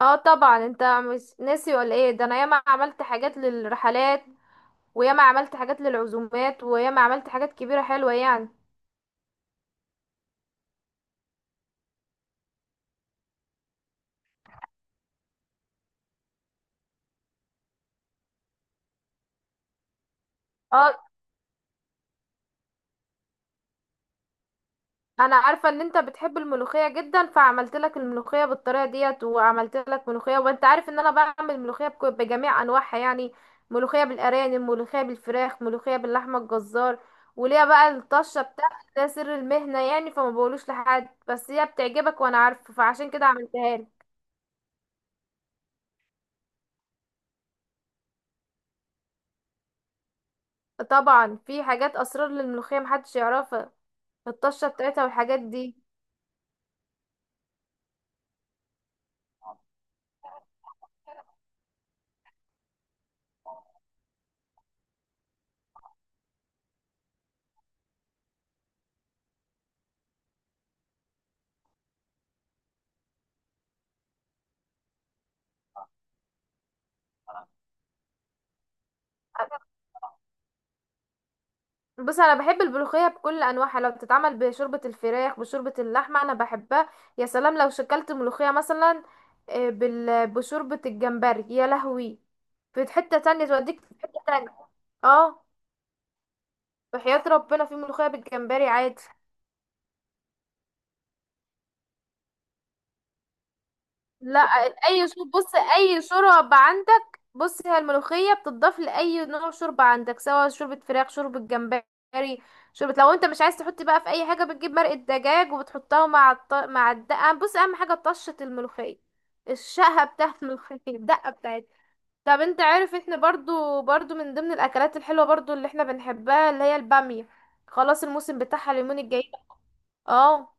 اه، طبعا انت مش ناسي ولا ايه؟ ده انا ياما عملت حاجات للرحلات، وياما عملت حاجات للعزومات، وياما عملت حاجات كبيرة حلوة يعني. اه، انا عارفة ان انت بتحب الملوخية جدا، فعملت لك الملوخية بالطريقة ديت، وعملت لك ملوخية. وانت عارف ان انا بعمل ملوخية بجميع انواعها يعني. ملوخية بالارانب، ملوخية بالفراخ، ملوخية باللحمة الجزار. وليها بقى الطشة بتاعتي، ده سر المهنة يعني، فما بقولوش لحد، بس هي بتعجبك وانا عارفة، فعشان كده عملتها لك. طبعا في حاجات اسرار للملوخيه محدش يعرفها، الطشه بتاعتها والحاجات دي. بص، انا بحب الملوخيه بكل انواعها، لو بتتعمل بشوربه الفراخ، بشوربه اللحمه، انا بحبها. يا سلام لو شكلت ملوخيه مثلا بشوربه الجمبري، يا لهوي! في حته تانية، توديك في حته تانية. اه، بحياة ربنا في ملوخيه بالجمبري عادي. لا، اي شرب بص، اي شوربة عندك، بص، هي الملوخية بتضاف لأي نوع شوربة عندك، سواء شوربة فراخ، شوربة جمبري، شوربة. لو انت مش عايز تحط بقى في اي حاجة، بتجيب مرقة دجاج وبتحطها مع مع الدقة. بص، اهم حاجة طشة الملوخية، الشقة بتاعت الملوخية، الدقة بتاعتها. طب انت عارف احنا برضو من ضمن الاكلات الحلوة برضو اللي احنا بنحبها اللي هي البامية؟ خلاص الموسم بتاعها اليومين الجايين. اه.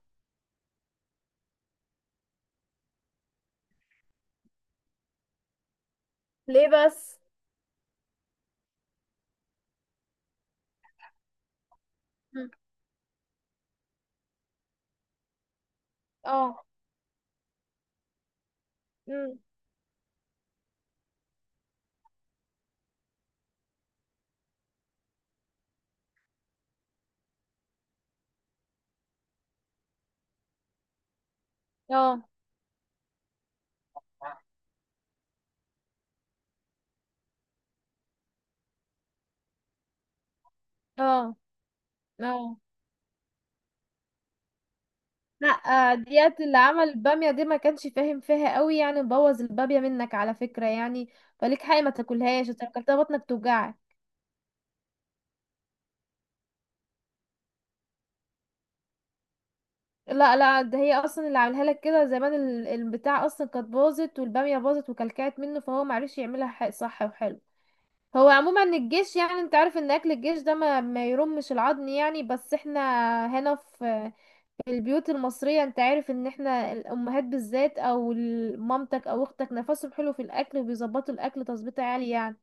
ليه بس؟ مم. اه. مم. اه. اه. اه. لا. آه، ديت اللي عمل البامية دي ما كانش فاهم فيها قوي يعني، بوظ البامية منك على فكرة يعني. فليك حق ما تاكلهاش، انت لو اكلتها بطنك توجعك. لا لا، ده هي اصلا اللي عاملها لك كده زمان، البتاع اصلا كانت باظت، والبامية باظت وكلكعت منه، فهو معرفش يعملها صح وحلو. هو عموما الجيش يعني انت عارف ان اكل الجيش ده ما يرمش العظم يعني، بس احنا هنا في البيوت المصرية، انت عارف ان احنا الامهات بالذات او مامتك او اختك نفسهم حلو في الاكل، وبيظبطوا الاكل تظبيط عالي يعني.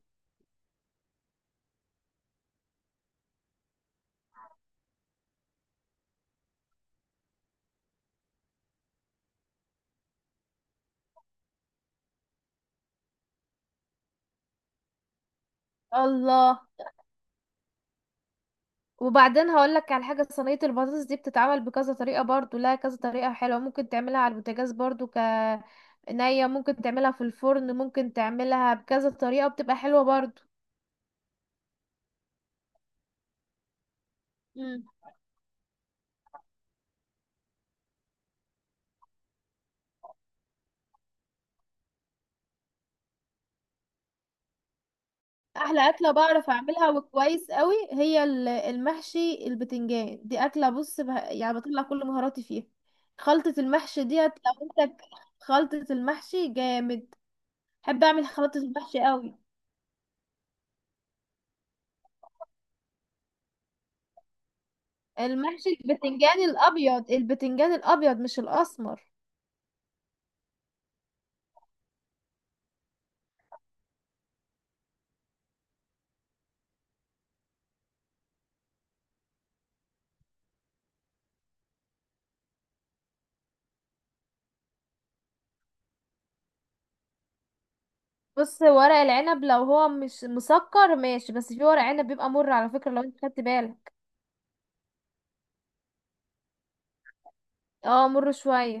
الله! وبعدين هقولك على حاجة، صينية البطاطس دي بتتعمل بكذا طريقة برضو، لها كذا طريقة حلوة، ممكن تعملها على البوتاجاز برضو، نية ممكن تعملها في الفرن، ممكن تعملها بكذا طريقة، بتبقى حلوة برضو. احلى اكله بعرف اعملها وكويس قوي هي المحشي البتنجان، دي اكله بص بها يعني، بطلع كل مهاراتي فيها. خلطه المحشي ديت لو انت خلطه المحشي جامد، بحب اعمل خلطه المحشي قوي. المحشي البتنجان الابيض، البتنجان الابيض مش الاسمر. بص، ورق العنب لو هو مش مسكر ماشي، بس في ورق عنب بيبقى مر على فكره لو انت خدت بالك. اه، مر شويه.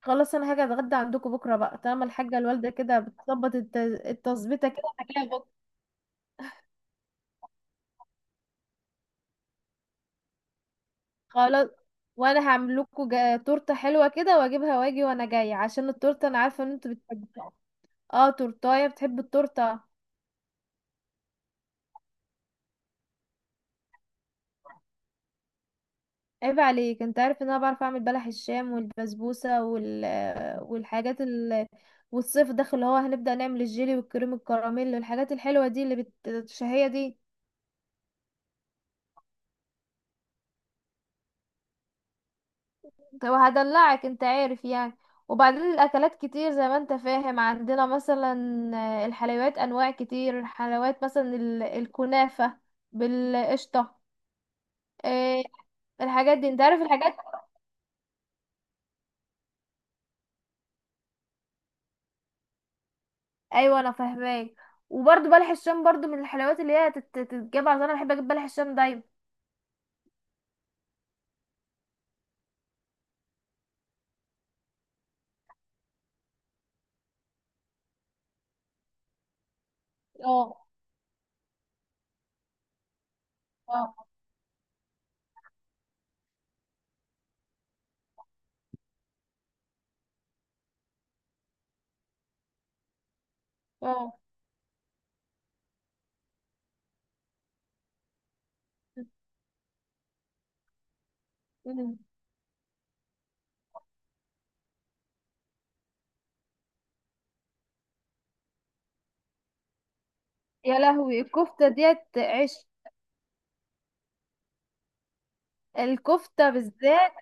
خلاص، انا هاجي اتغدى عندكم بكره بقى، طالما الحاجه الوالده كده بتظبط التظبيطه كده، هجيلها بكره. خلاص، وانا هعمل لكم تورته حلوه كده واجيبها، واجي وانا جايه عشان التورته، انا عارفه ان انتوا بتحبوها. اه تورتايه بتحب التورته. عيب عليك، انت عارف ان انا بعرف اعمل بلح الشام والبسبوسه والحاجات والصيف داخل اللي هو هنبدأ نعمل الجيلي والكريم الكراميل والحاجات الحلوة دي اللي الشهية دي. طب هدلعك، انت عارف يعني. وبعدين الاكلات كتير زي ما انت فاهم، عندنا مثلا الحلويات انواع كتير، الحلويات مثلا الكنافة بالقشطة. آه، الحاجات دي انت عارف الحاجات. ايوه انا فاهماك. وبرضه بلح الشام برضه من الحلويات اللي هي تتجاب، عشان انا بحب اجيب بلح الشام دايما. اه. اه. اه. مم. يا لهوي الكفتة ديت عيش! الكفتة بالذات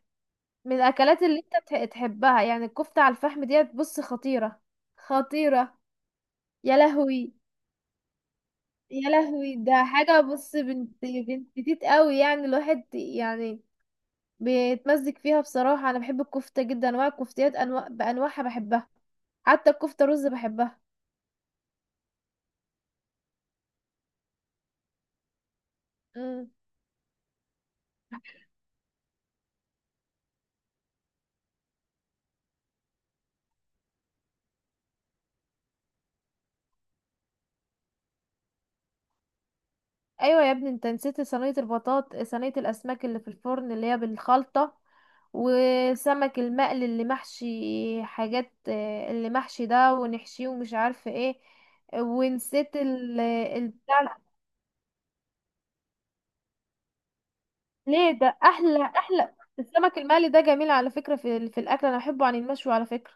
من الاكلات اللي انت تحبها يعني، الكفتة على الفحم ديت بص خطيرة. خطيرة. يا لهوي. يا لهوي، ده حاجة بص، بنت بنت تيت قوي يعني، الواحد يعني بيتمزج فيها. بصراحة انا بحب الكفتة جدا، انواع الكفتيات انواع بانواعها بحبها، حتى الكفتة رز بحبها. إمم. ايوه يا ابني، انت نسيت صينيه صينيه الاسماك اللي في الفرن اللي هي بالخلطه، وسمك المقل اللي محشي، حاجات اللي محشي ده ونحشيه ومش عارفه ايه، ونسيت البتاع. ليه؟ ده احلى، احلى السمك المقلي ده جميل على فكره، في في الاكل انا بحبه عن المشوي على فكره.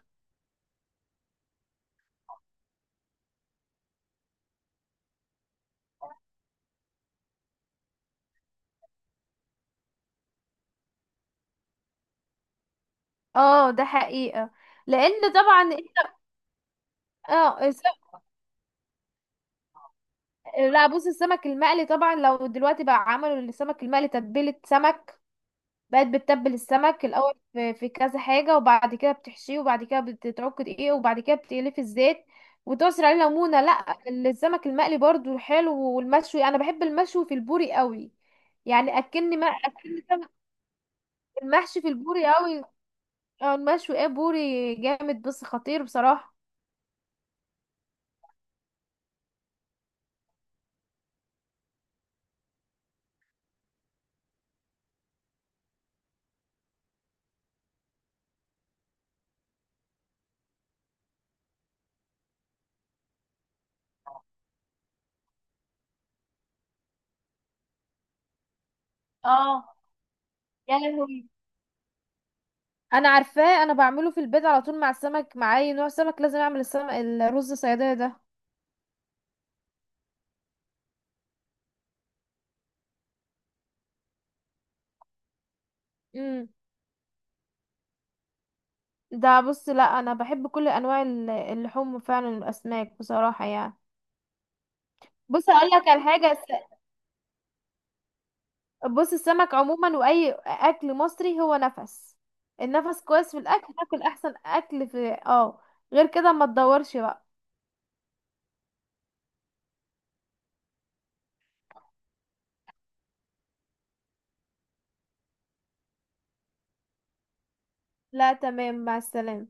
اه، ده حقيقه، لان طبعا انت اه الس- لا، بص، السمك المقلي طبعا لو دلوقتي بقى عملوا السمك المقلي تتبيله سمك، بقت بتتبل السمك الاول في كذا حاجه، وبعد كده بتحشيه، وبعد كده بتتعك دقيق، وبعد كده بتقليه في الزيت وتعصر عليه ليمونه. لا، السمك المقلي برضو حلو، والمشوي انا بحب المشوي في البوري قوي يعني، اكلني ما اكلني سمك. المحشي في البوري قوي. اه، المشوي ايه، بوري جامد بس خطير بصراحه. اه، يا لهوي انا عارفاه، انا بعمله في البيت على طول مع السمك، مع اي نوع سمك لازم اعمل السمك الرز صياديه ده. امم. ده بص، لا، انا بحب كل انواع اللحوم فعلا، الاسماك بصراحه يعني. بص اقول لك على حاجه، بص، السمك عموما واي اكل مصري هو نفس، النفس كويس في الاكل، تاكل احسن اكل في اه، غير كده ما تدورش بقى. لا، تمام، مع السلامه.